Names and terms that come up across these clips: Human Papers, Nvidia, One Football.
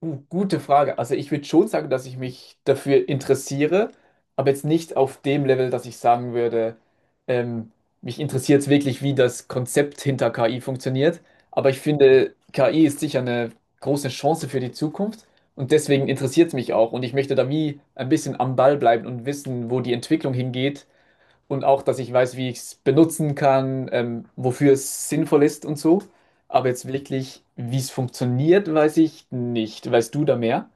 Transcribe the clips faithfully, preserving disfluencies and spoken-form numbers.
Gu- Gute Frage. Also ich würde schon sagen, dass ich mich dafür interessiere, aber jetzt nicht auf dem Level, dass ich sagen würde, ähm, mich interessiert es wirklich, wie das Konzept hinter K I funktioniert. Aber ich finde, K I ist sicher eine große Chance für die Zukunft und deswegen interessiert es mich auch. Und ich möchte da wie ein bisschen am Ball bleiben und wissen, wo die Entwicklung hingeht und auch, dass ich weiß, wie ich es benutzen kann, ähm, wofür es sinnvoll ist und so. Aber jetzt wirklich, wie es funktioniert, weiß ich nicht. Weißt du da mehr?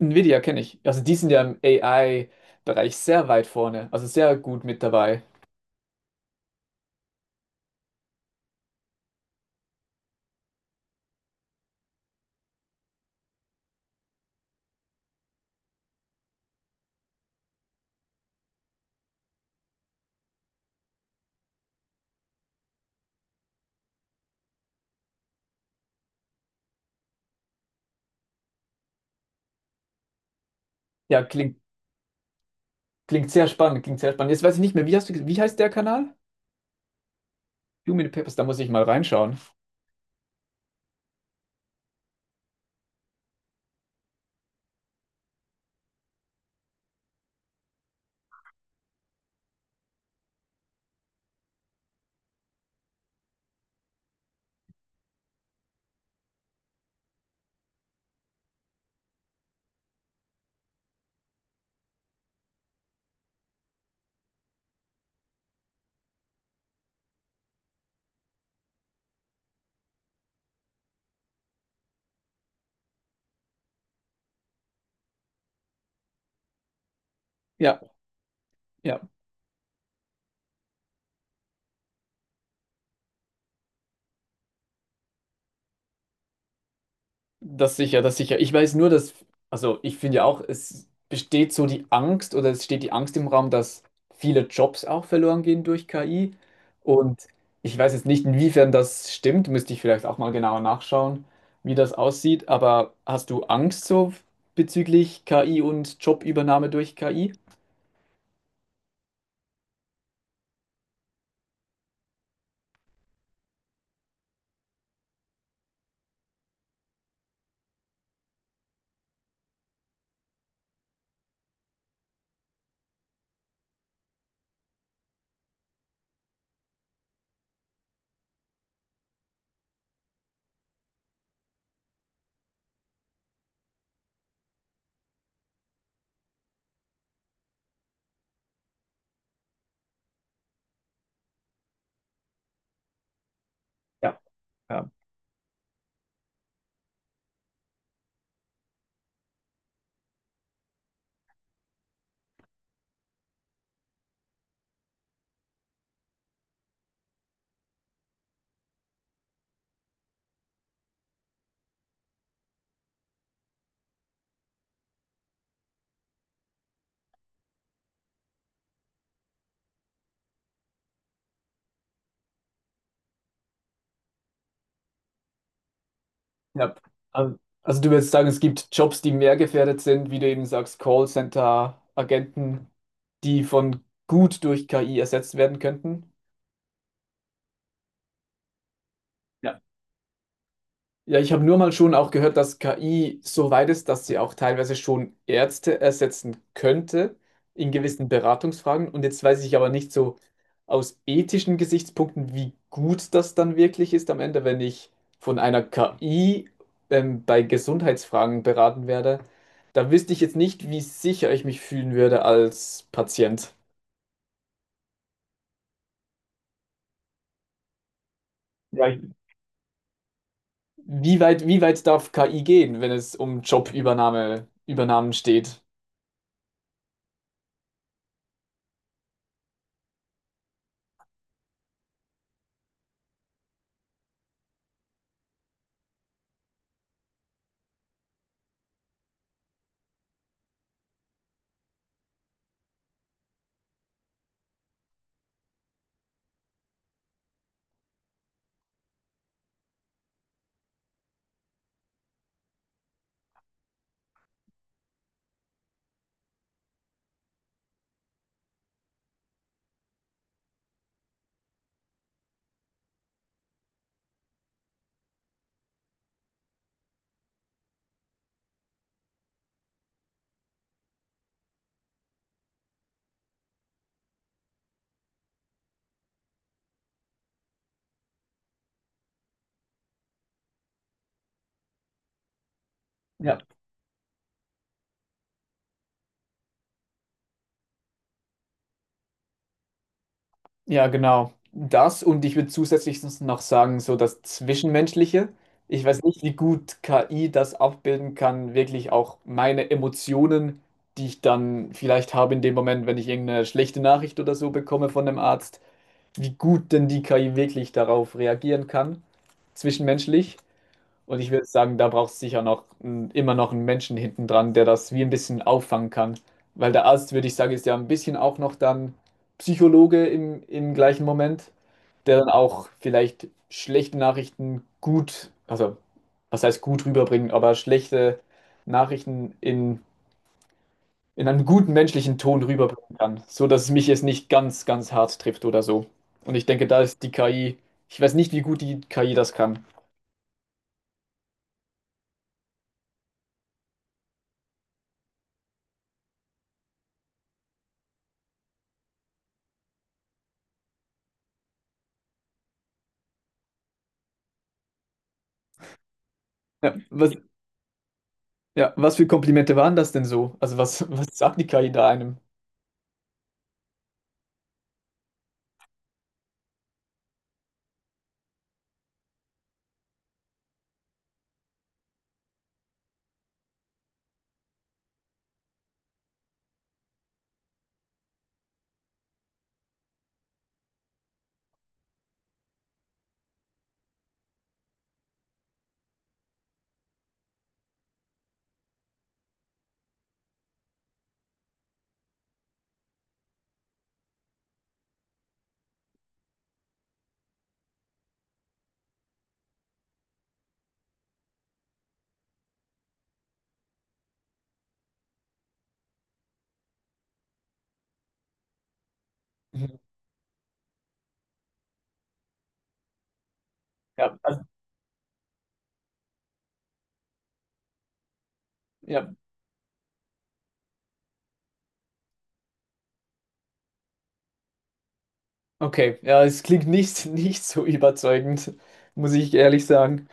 Nvidia kenne ich. Also die sind ja im A I-Bereich sehr weit vorne, also sehr gut mit dabei. Ja, klingt, klingt sehr spannend, klingt sehr spannend. Jetzt weiß ich nicht mehr, wie hast du, wie heißt der Kanal? Human Papers, da muss ich mal reinschauen. Ja, ja. Das sicher, das sicher. Ich weiß nur, dass, also ich finde ja auch, es besteht so die Angst oder es steht die Angst im Raum, dass viele Jobs auch verloren gehen durch K I. Und ich weiß jetzt nicht, inwiefern das stimmt, müsste ich vielleicht auch mal genauer nachschauen, wie das aussieht. Aber hast du Angst so bezüglich K I und Jobübernahme durch K I? Ja, ja. Ja. Ähm, Also du würdest sagen, es gibt Jobs, die mehr gefährdet sind, wie du eben sagst, Callcenter-Agenten, die von gut durch K I ersetzt werden könnten. Ja. Ja, ich habe nur mal schon auch gehört, dass K I so weit ist, dass sie auch teilweise schon Ärzte ersetzen könnte in gewissen Beratungsfragen. Und jetzt weiß ich aber nicht so aus ethischen Gesichtspunkten, wie gut das dann wirklich ist am Ende, wenn ich von einer K I ähm, bei Gesundheitsfragen beraten werde. Da wüsste ich jetzt nicht, wie sicher ich mich fühlen würde als Patient. Ja, ich- Wie weit, wie weit darf K I gehen, wenn es um Jobübernahme, Übernahmen steht? Ja. Ja, genau. Das und ich würde zusätzlich sonst noch sagen, so das Zwischenmenschliche. Ich weiß nicht, wie gut K I das abbilden kann, wirklich auch meine Emotionen, die ich dann vielleicht habe in dem Moment, wenn ich irgendeine schlechte Nachricht oder so bekomme von einem Arzt, wie gut denn die K I wirklich darauf reagieren kann, zwischenmenschlich. Und ich würde sagen, da braucht es sicher noch mm, immer noch einen Menschen hinten dran, der das wie ein bisschen auffangen kann. Weil der Arzt, würde ich sagen, ist ja ein bisschen auch noch dann Psychologe im, im gleichen Moment, der dann auch vielleicht schlechte Nachrichten gut, also was heißt gut rüberbringen, aber schlechte Nachrichten in, in einem guten menschlichen Ton rüberbringen kann, so dass es mich jetzt nicht ganz, ganz hart trifft oder so. Und ich denke, da ist die K I, ich weiß nicht, wie gut die K I das kann. Ja, was, ja, was für Komplimente waren das denn so? Also was, was sagt die K I da einem? Mhm. Ja, also, ja, okay. Ja, es klingt nicht, nicht so überzeugend, muss ich ehrlich sagen.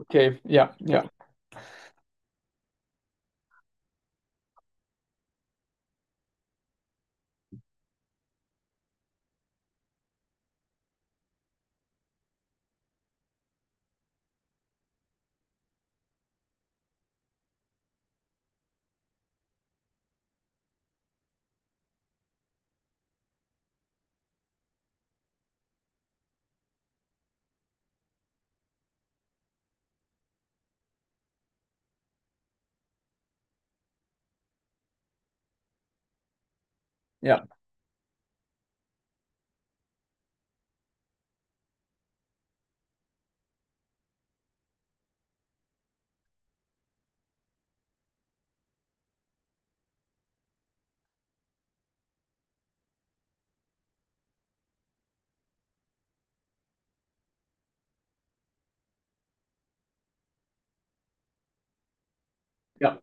Okay, ja, ja, ja, ja.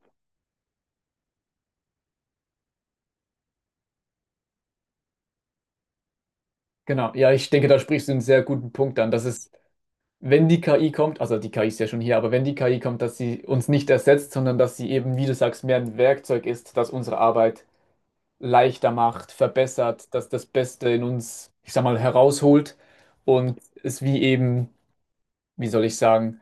Genau, ja, ich denke, da sprichst du einen sehr guten Punkt an, dass es, wenn die K I kommt, also die K I ist ja schon hier, aber wenn die K I kommt, dass sie uns nicht ersetzt, sondern dass sie eben, wie du sagst, mehr ein Werkzeug ist, das unsere Arbeit leichter macht, verbessert, dass das Beste in uns, ich sag mal, herausholt und es wie eben, wie soll ich sagen,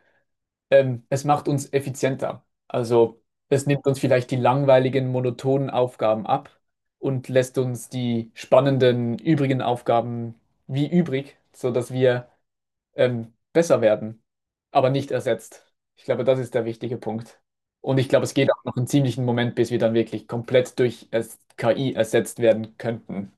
ähm, es macht uns effizienter. Also es nimmt uns vielleicht die langweiligen, monotonen Aufgaben ab und lässt uns die spannenden, übrigen Aufgaben wie übrig, sodass wir ähm, besser werden, aber nicht ersetzt. Ich glaube, das ist der wichtige Punkt. Und ich glaube, es geht auch noch einen ziemlichen Moment, bis wir dann wirklich komplett durch es- K I ersetzt werden könnten.